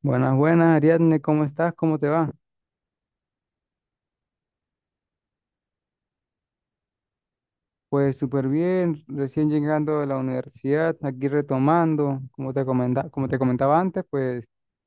Buenas, buenas, Ariadne, ¿cómo estás? ¿Cómo te va? Pues súper bien, recién llegando de la universidad, aquí retomando, como te comentaba antes, pues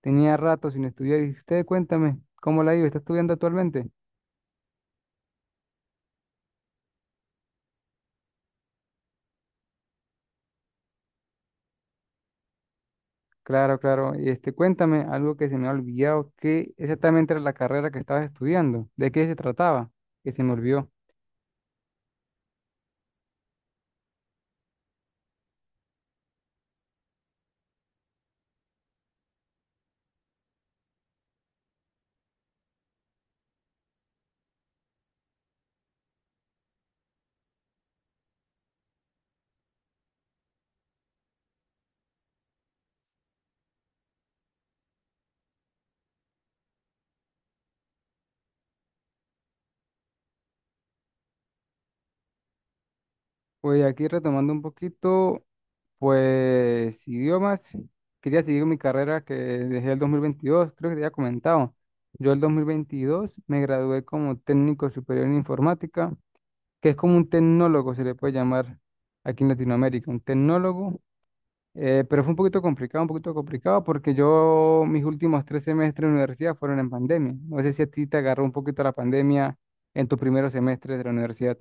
tenía rato sin estudiar y usted cuéntame, ¿cómo la ha ido? ¿Está estudiando actualmente? Claro, claro, y cuéntame algo que se me ha olvidado, ¿qué exactamente era la carrera que estabas estudiando? ¿De qué se trataba? Que se me olvidó. Pues aquí retomando un poquito, pues idiomas, quería seguir mi carrera que dejé el 2022, creo que te había comentado. Yo el 2022 me gradué como técnico superior en informática, que es como un tecnólogo, se le puede llamar aquí en Latinoamérica, un tecnólogo, pero fue un poquito complicado porque yo mis últimos 3 semestres de universidad fueron en pandemia. No sé si a ti te agarró un poquito la pandemia en tus primeros semestres de la universidad.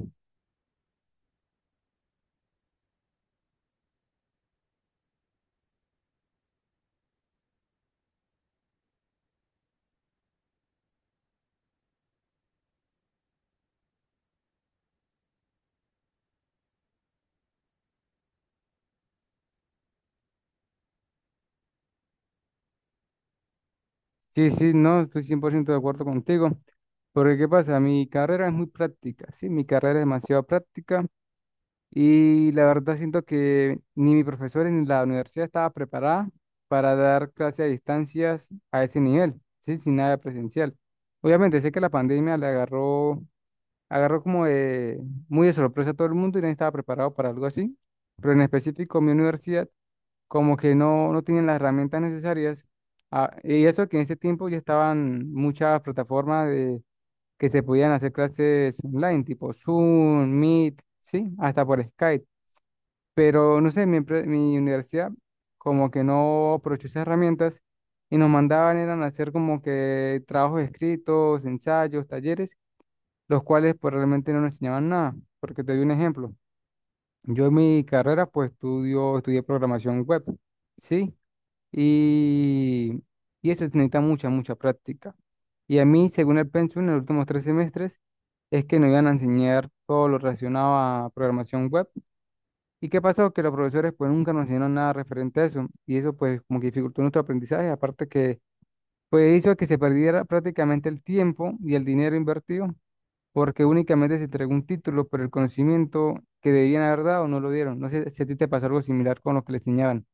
Sí, sí, no, estoy 100% de acuerdo contigo. Porque, ¿qué pasa? Mi carrera es muy práctica, sí, mi carrera es demasiado práctica y la verdad siento que ni mis profesores ni la universidad estaba preparada para dar clases a distancias a ese nivel, sí, sin nada presencial. Obviamente sé que la pandemia le agarró, agarró como de- muy de sorpresa a todo el mundo y nadie estaba preparado para algo así, pero en específico mi universidad como que no, no tienen las herramientas necesarias. Ah, y eso que en ese tiempo ya estaban muchas plataformas de, que se podían hacer clases online, tipo Zoom, Meet, sí, hasta por Skype. Pero no sé, mi universidad como que no aprovechó esas herramientas y nos mandaban eran a hacer como que trabajos escritos, ensayos, talleres, los cuales pues realmente no nos enseñaban nada. Porque te doy un ejemplo. Yo en mi carrera pues estudio, estudié programación web, ¿sí? Y, y eso necesita mucha, mucha práctica. Y a mí, según el pensum, en los últimos 3 semestres, es que nos iban a enseñar todo lo relacionado a programación web. ¿Y qué pasó? Que los profesores pues nunca nos enseñaron nada referente a eso y eso pues como que dificultó nuestro aprendizaje, aparte que pues hizo que se perdiera prácticamente el tiempo y el dinero invertido porque únicamente se entregó un título, pero el conocimiento que debían haber dado no lo dieron. No sé si a ti te pasó algo similar con lo que le enseñaban.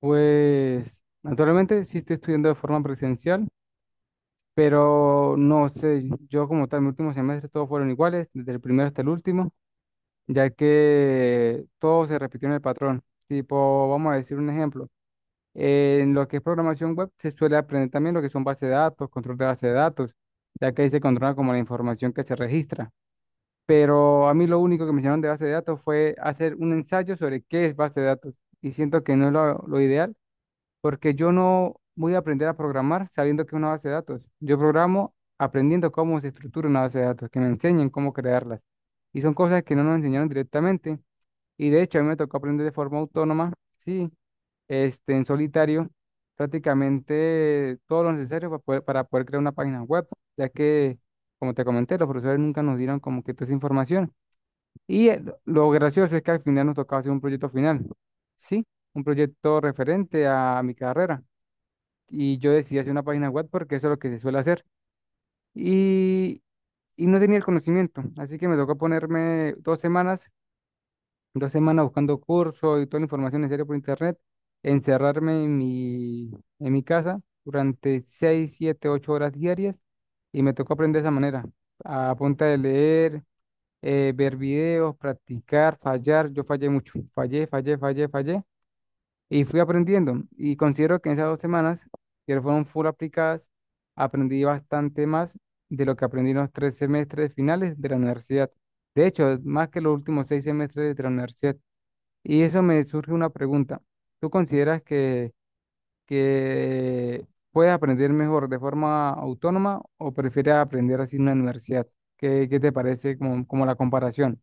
Pues naturalmente sí estoy estudiando de forma presencial, pero no sé, yo como tal, mi último semestre todos fueron iguales, desde el primero hasta el último, ya que todo se repitió en el patrón. Tipo, vamos a decir un ejemplo, en lo que es programación web se suele aprender también lo que son bases de datos, control de base de datos, ya que ahí se controla como la información que se registra. Pero a mí lo único que me enseñaron de base de datos fue hacer un ensayo sobre qué es base de datos y siento que no es lo ideal porque yo no voy a aprender a programar sabiendo que es una base de datos. Yo programo aprendiendo cómo se estructura una base de datos, que me enseñen cómo crearlas. Y son cosas que no nos enseñaron directamente. Y de hecho, a mí me tocó aprender de forma autónoma, sí, en solitario, prácticamente todo lo necesario para poder crear una página web, ya que, como te comenté, los profesores nunca nos dieron como que toda esa información. Y lo gracioso es que al final nos tocaba hacer un proyecto final, sí, un proyecto referente a mi carrera y yo decidí hacer una página web porque eso es lo que se suele hacer. Y, y no tenía el conocimiento, así que me tocó ponerme 2 semanas, 2 semanas buscando cursos y toda la información necesaria por internet, encerrarme en mi casa durante 6, 7, 8 horas diarias y me tocó aprender de esa manera, a punta de leer, ver videos, practicar, fallar. Yo fallé mucho, fallé, fallé, fallé, fallé y fui aprendiendo. Y considero que en esas 2 semanas, que fueron full aplicadas, aprendí bastante más de lo que aprendí en los 3 semestres finales de la universidad. De hecho, más que los últimos 6 semestres de la universidad. Y eso me surge una pregunta. ¿Tú consideras que, que puedes aprender mejor de forma autónoma o prefieres aprender así en una universidad? ¿Qué te parece como la comparación?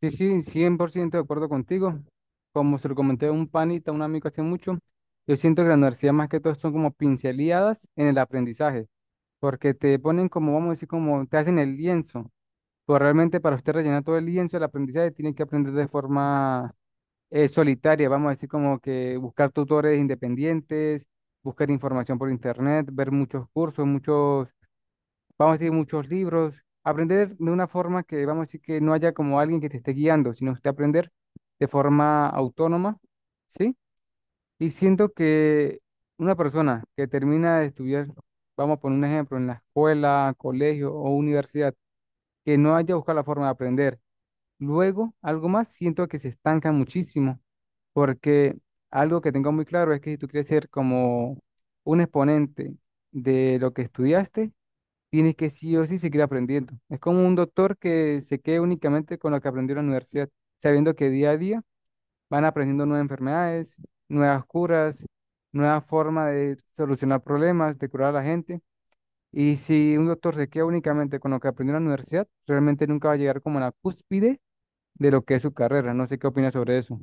Sí, sí, 100% de acuerdo contigo. Como se lo comenté a un panita, a un amigo hace mucho, yo siento que la universidad más que todo son como pinceladas en el aprendizaje, porque te ponen como, vamos a decir, como te hacen el lienzo, pero realmente para usted rellenar todo el lienzo del aprendizaje tiene que aprender de forma solitaria, vamos a decir, como que buscar tutores independientes, buscar información por internet, ver muchos cursos, muchos vamos a decir, muchos libros, aprender de una forma que, vamos a decir, que no haya como alguien que te esté guiando, sino usted aprender de forma autónoma, ¿sí? Y siento que una persona que termina de estudiar, vamos a poner un ejemplo, en la escuela, colegio o universidad, que no haya buscado la forma de aprender, luego algo más, siento que se estanca muchísimo, porque algo que tengo muy claro es que si tú quieres ser como un exponente de lo que estudiaste, tienes que sí o sí seguir aprendiendo. Es como un doctor que se quede únicamente con lo que aprendió en la universidad, sabiendo que día a día van aprendiendo nuevas enfermedades, nuevas curas, nuevas formas de solucionar problemas, de curar a la gente. Y si un doctor se queda únicamente con lo que aprendió en la universidad, realmente nunca va a llegar como a la cúspide de lo que es su carrera. No sé qué opinas sobre eso.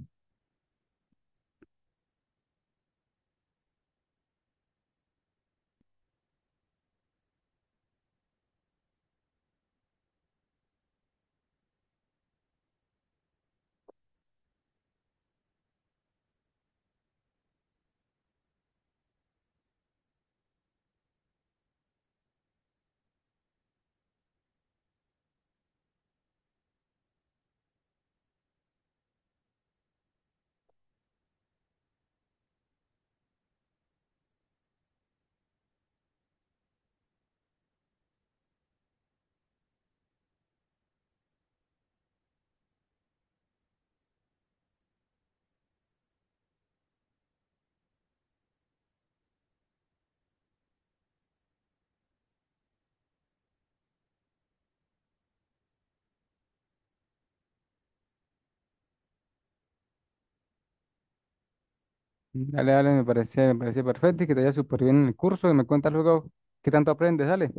Dale, dale, me parece perfecto y que te vaya súper bien en el curso y me cuentas luego qué tanto aprendes. Dale,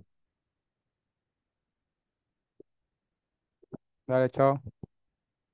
dale, chao.